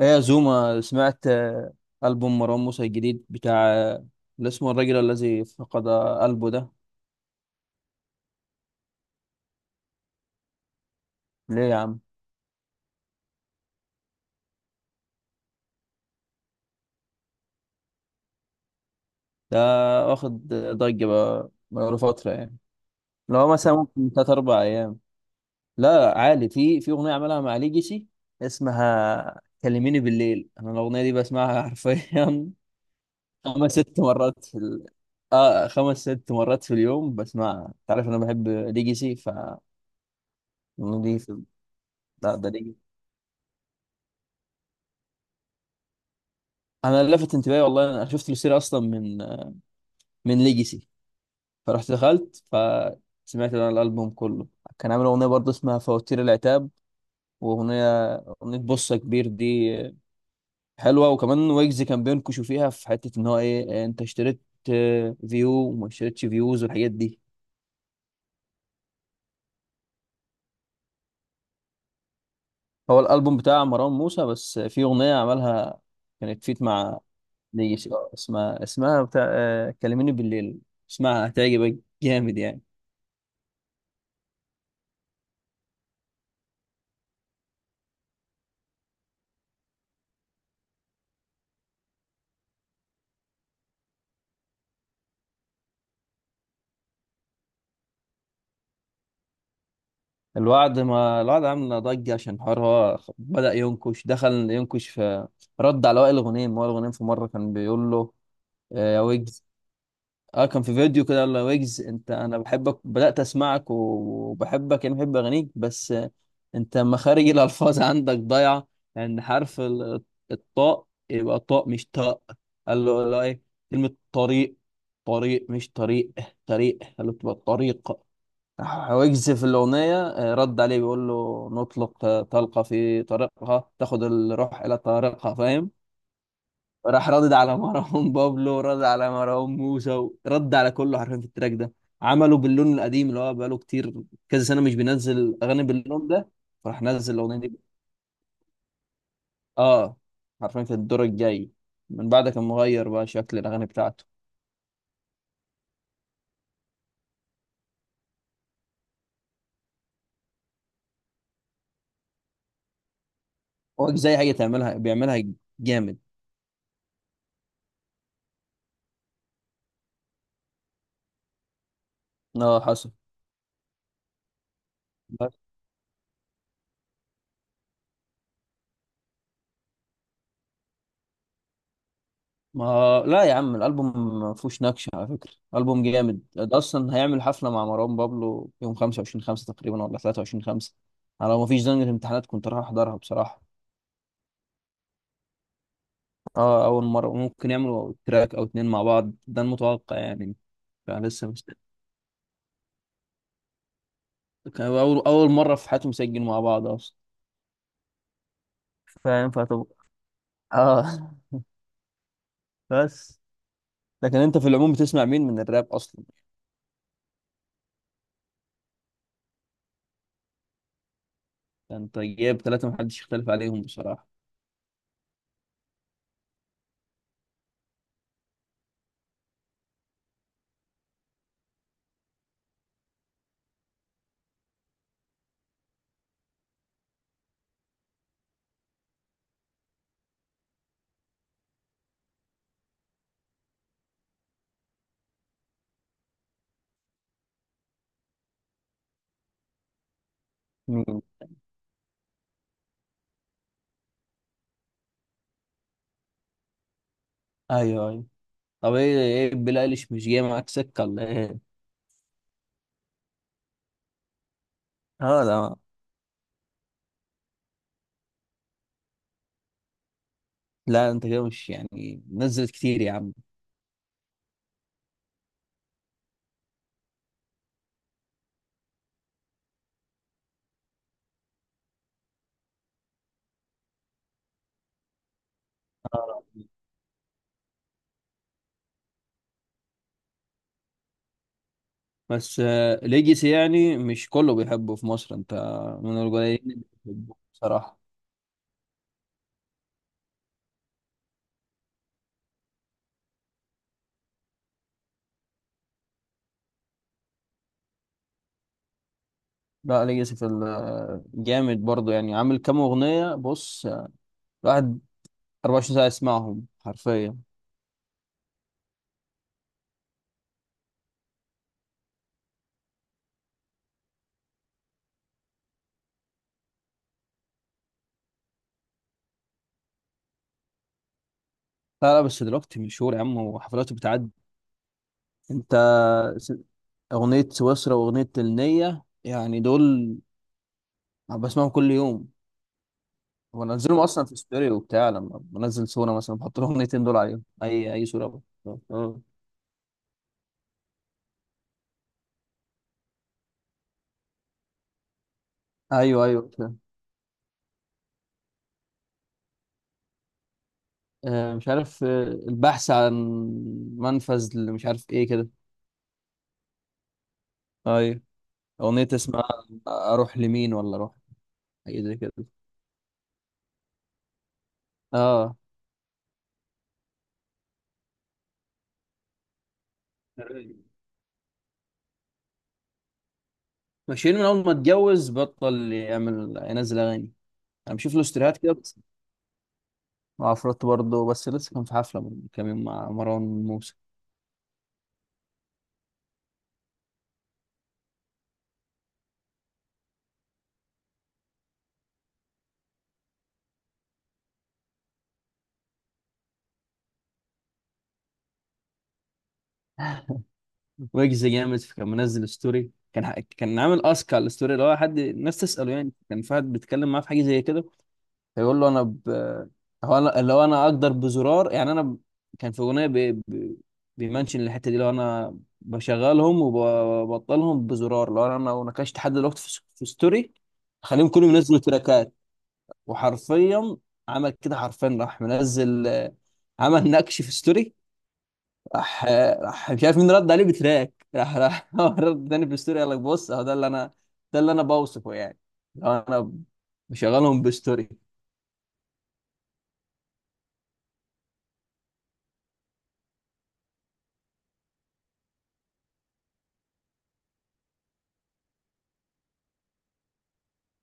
ايه يا زوما سمعت ألبوم مروان موسى الجديد بتاع اللي اسمه الرجل الذي فقد قلبه ده. ليه يا عم؟ ده واخد ضجة بقى، بقاله فترة يعني. لو مثلا ممكن تلات أربع أيام. لا عالي، في أغنية عملها مع ليجيسي اسمها كلميني بالليل. أنا الأغنية دي بسمعها حرفيا خمس ست مرات في ال... اه، خمس ست مرات في اليوم بسمعها. أنت عارف أنا بحب ليجيسي، ف... دي في... لا ده، انا اللي لفت انتباهي والله. انا شفت له سيرة اصلا من من ليجاسي، فرحت دخلت فسمعت انا الالبوم كله. كان عامل اغنيه برضه اسمها فواتير العتاب، واغنيه، اغنيه بصه كبير دي حلوه. وكمان ويجز كان بينكشوا فيها، في حته ان هو ايه إيه، انت اشتريت فيو وما اشتريتش فيوز والحاجات دي. هو الالبوم بتاع مروان موسى، بس في اغنيه عملها كانت فيت مع ليجاسي اسمها بتاع كلميني بالليل. اسمها هتعجبك، جامد يعني. الوعد، ما الوعد عامل ضجة عشان حوار هو بدأ ينكش، دخل ينكش في، رد على وائل غنيم. وائل غنيم في مرة كان بيقول له يا ويجز، اه كان في فيديو كده قال له يا ويجز، انت انا بحبك، بدأت اسمعك وبحبك يعني، بحب اغانيك بس انت مخارج الالفاظ عندك ضايعة، لان حرف الطاء يبقى طاء مش طاء. قال له لا ايه؟ كلمة طريق، طريق مش طريق، طريق، قال له تبقى طريق. راح ويجز في الأغنية رد عليه بيقول له نطلق طلقة في طريقها تاخد الروح إلى طريقها، فاهم؟ راح ردد على مروان بابلو، رد على مروان موسى، رد على كله حرفيا في التراك ده. عملوا باللون القديم اللي هو بقاله كتير كذا سنة مش بينزل أغاني باللون ده، فراح نزل الأغنية دي. اه، حرفيا في الدور الجاي. من بعد كان مغير بقى شكل الأغاني بتاعته. هو زي حاجة تعملها، بيعملها جامد. اه حصل. ما لا يا عم، الالبوم ما فيهوش نكش على فكره، البوم جامد ده. اصلا هيعمل حفله مع مروان بابلو يوم 25 5 تقريبا، ولا 23 5. انا لو ما فيش زنقه امتحانات كنت راح احضرها بصراحه. اه، اول مره ممكن يعملوا تراك او اتنين مع بعض، ده المتوقع يعني. فلسه مش، كان اول مره في حياتهم مسجل مع بعض اصلا. فاهم، فتبقى اه، بس. لكن انت في العموم بتسمع مين من الراب اصلا؟ انت جايب ثلاثه محدش يختلف عليهم بصراحه. مين؟ ايوه ايوه. طب ايه بيلي ايليش مش جاي معاك سكه، ولا ايه؟ اه لا، لا انت كده مش يعني نزلت كتير يا عم. آه. بس ليجاسي يعني مش كله بيحبه في مصر، انت من القليلين اللي بيحبوه بصراحه. لا ليجاسي في جامد برضه يعني، عامل كام اغنيه. بص الواحد 24 ساعه يسمعهم حرفيا. لا لا، بس دلوقتي مشهور يا عم، وحفلاته بتعدي. انت س- اغنيه سويسرا واغنيه النيه يعني، دول بسمعهم كل يوم. بنزلهم اصلا في ستوري وبتاع. لما بنزل صوره مثلا بحط لهم الاغنيتين دول عليهم، اي صوره بقى. اه. ايوه ايوه فاهم. مش عارف البحث عن منفذ، اللي مش عارف ايه كده. ايوه. اغنيه اسمها اروح لمين ولا اروح، حاجه زي كده. اه، ماشيين من اول ما اتجوز بطل يعمل، ينزل اغاني. انا بشوف له استريهات كده بس. وعفروت برضه، بس لسه كان في حفله من كام يوم مع مروان موسى. ويجز جامد. كان منزل ستوري، كان عامل اسك على الستوري، اللي هو حد الناس تساله يعني. كان في حد بيتكلم معاه في حاجه زي كده فيقول له، هو انا، اللي هو انا اقدر بزرار يعني. كان في اغنيه بيمنشن الحته دي، اللي هو انا بشغلهم وببطلهم بزرار، لو انا، لو نكشت حد دلوقتي في ستوري. خليهم كلهم ينزلوا تراكات. وحرفيا عمل كده حرفيا، راح منزل عمل نكش في ستوري. راح راح مش عارف مين، رد عليه بتراك. راح هو رد تاني في الستوري، قال لك بص اهو ده اللي انا بوصفه يعني. لو انا بشغلهم بستوري.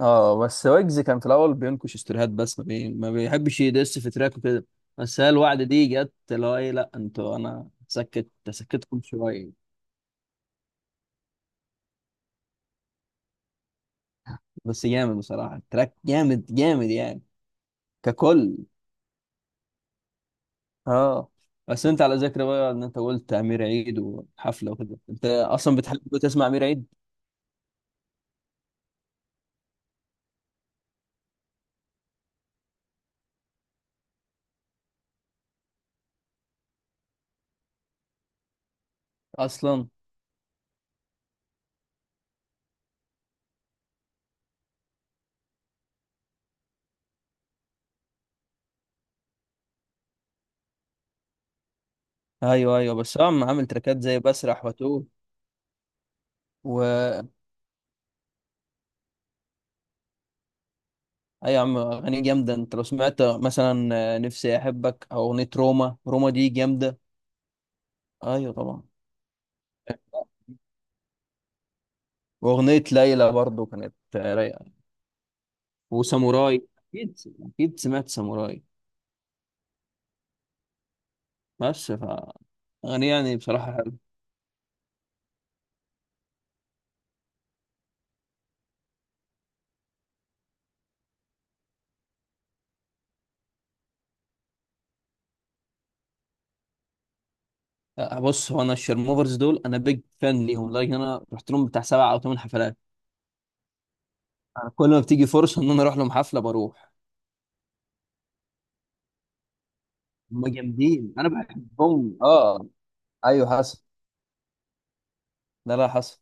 اه، بس ويجز كان في الاول بينكش ستوريهات بس، ما بيحبش يدس في تراك وكده. بس هي الوعد دي جت اللي هو ايه، لا انتوا انا سكت سكتكم شويه. بس جامد بصراحه، التراك جامد جامد يعني ككل. اه، بس انت على ذكر بقى، ان انت قلت امير عيد وحفله وكده، انت اصلا بتحب تسمع امير عيد اصلا؟ ايوه ايوه. بس هو عم، عامل تراكات زي بسرح واتوه، و... اي يا عم، اغاني جامده. انت لو سمعت مثلا نفسي احبك او اغنيه روما، روما دي جامده. ايوه طبعا. واغنيه ليلى برضو كانت رايقه. وساموراي، اكيد اكيد سمعت ساموراي. بس ف... اغاني يعني بصراحه حلوه. بص هو انا الشرموفرز دول انا بيج فان ليهم، لدرجه إن انا رحت لهم بتاع سبع او ثمان حفلات. انا كل ما بتيجي فرصه ان انا اروح لهم حفله، بروح. هم جامدين، انا بحبهم. اه، ايوه حصل. لا لا حصل.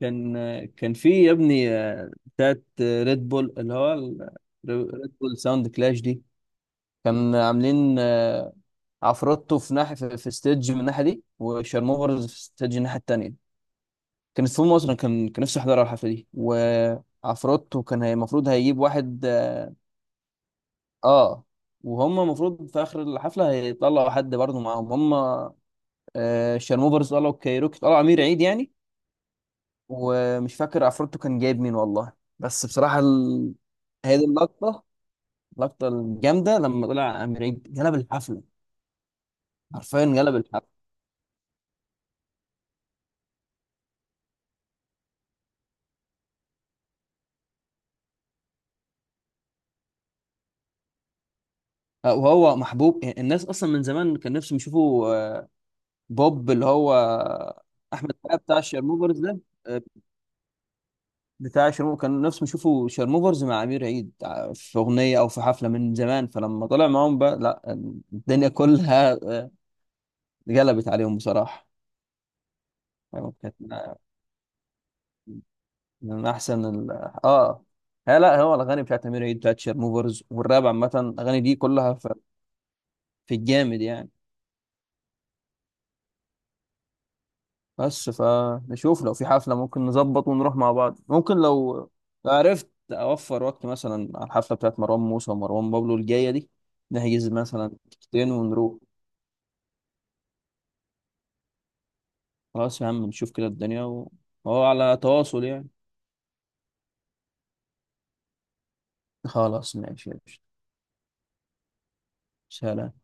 كان كان في يا ابني بتاعت ريد بول، اللي هو ريد بول ساوند كلاش دي. كان عاملين عفروتو في ناحية، في ستيدج من الناحية دي، وشارموفرز في ستيدج الناحية التانية. كانت في مصر. كان نفسي احضر الحفلة دي. وعفروتو كان، المفروض هيجيب واحد، اه آه، وهم المفروض في اخر الحفلة هيطلعوا حد برضه معاهم هم. شارموفرز طلعوا كايروكي، طلعوا امير عيد يعني. ومش فاكر عفروتو كان جايب مين والله. بس بصراحة ال... هذه اللقطة الجامدة لما طلع أمير عيد جلب الحفلة. حرفيا جلب الحفلة. وهو محبوب الناس أصلا من زمان، كان نفسهم يشوفوا بوب اللي هو أحمد بقى، بتاع الشيرموفرز ده. آه، بتاع الشيرموفرز كان نفسهم يشوفوا شيرموفرز مع أمير عيد في أغنية أو في حفلة من زمان. فلما طلع معاهم بقى لا، الدنيا كلها اتقلبت عليهم بصراحة. يعني كانت من احسن ال... اه لا لا، هو الاغاني بتاعت امير عيد، بتاعت شيرموفرز، والراب عامه، الاغاني دي كلها في، في الجامد يعني. بس فنشوف، لو في حفله ممكن نظبط ونروح مع بعض. ممكن لو، لو عرفت اوفر وقت مثلا على الحفله بتاعت مروان موسى ومروان بابلو الجايه دي، نحجز مثلا تيكتين ونروح. خلاص يا عم نشوف كده الدنيا وهو على تواصل يعني. خلاص ماشي يا باشا. سلام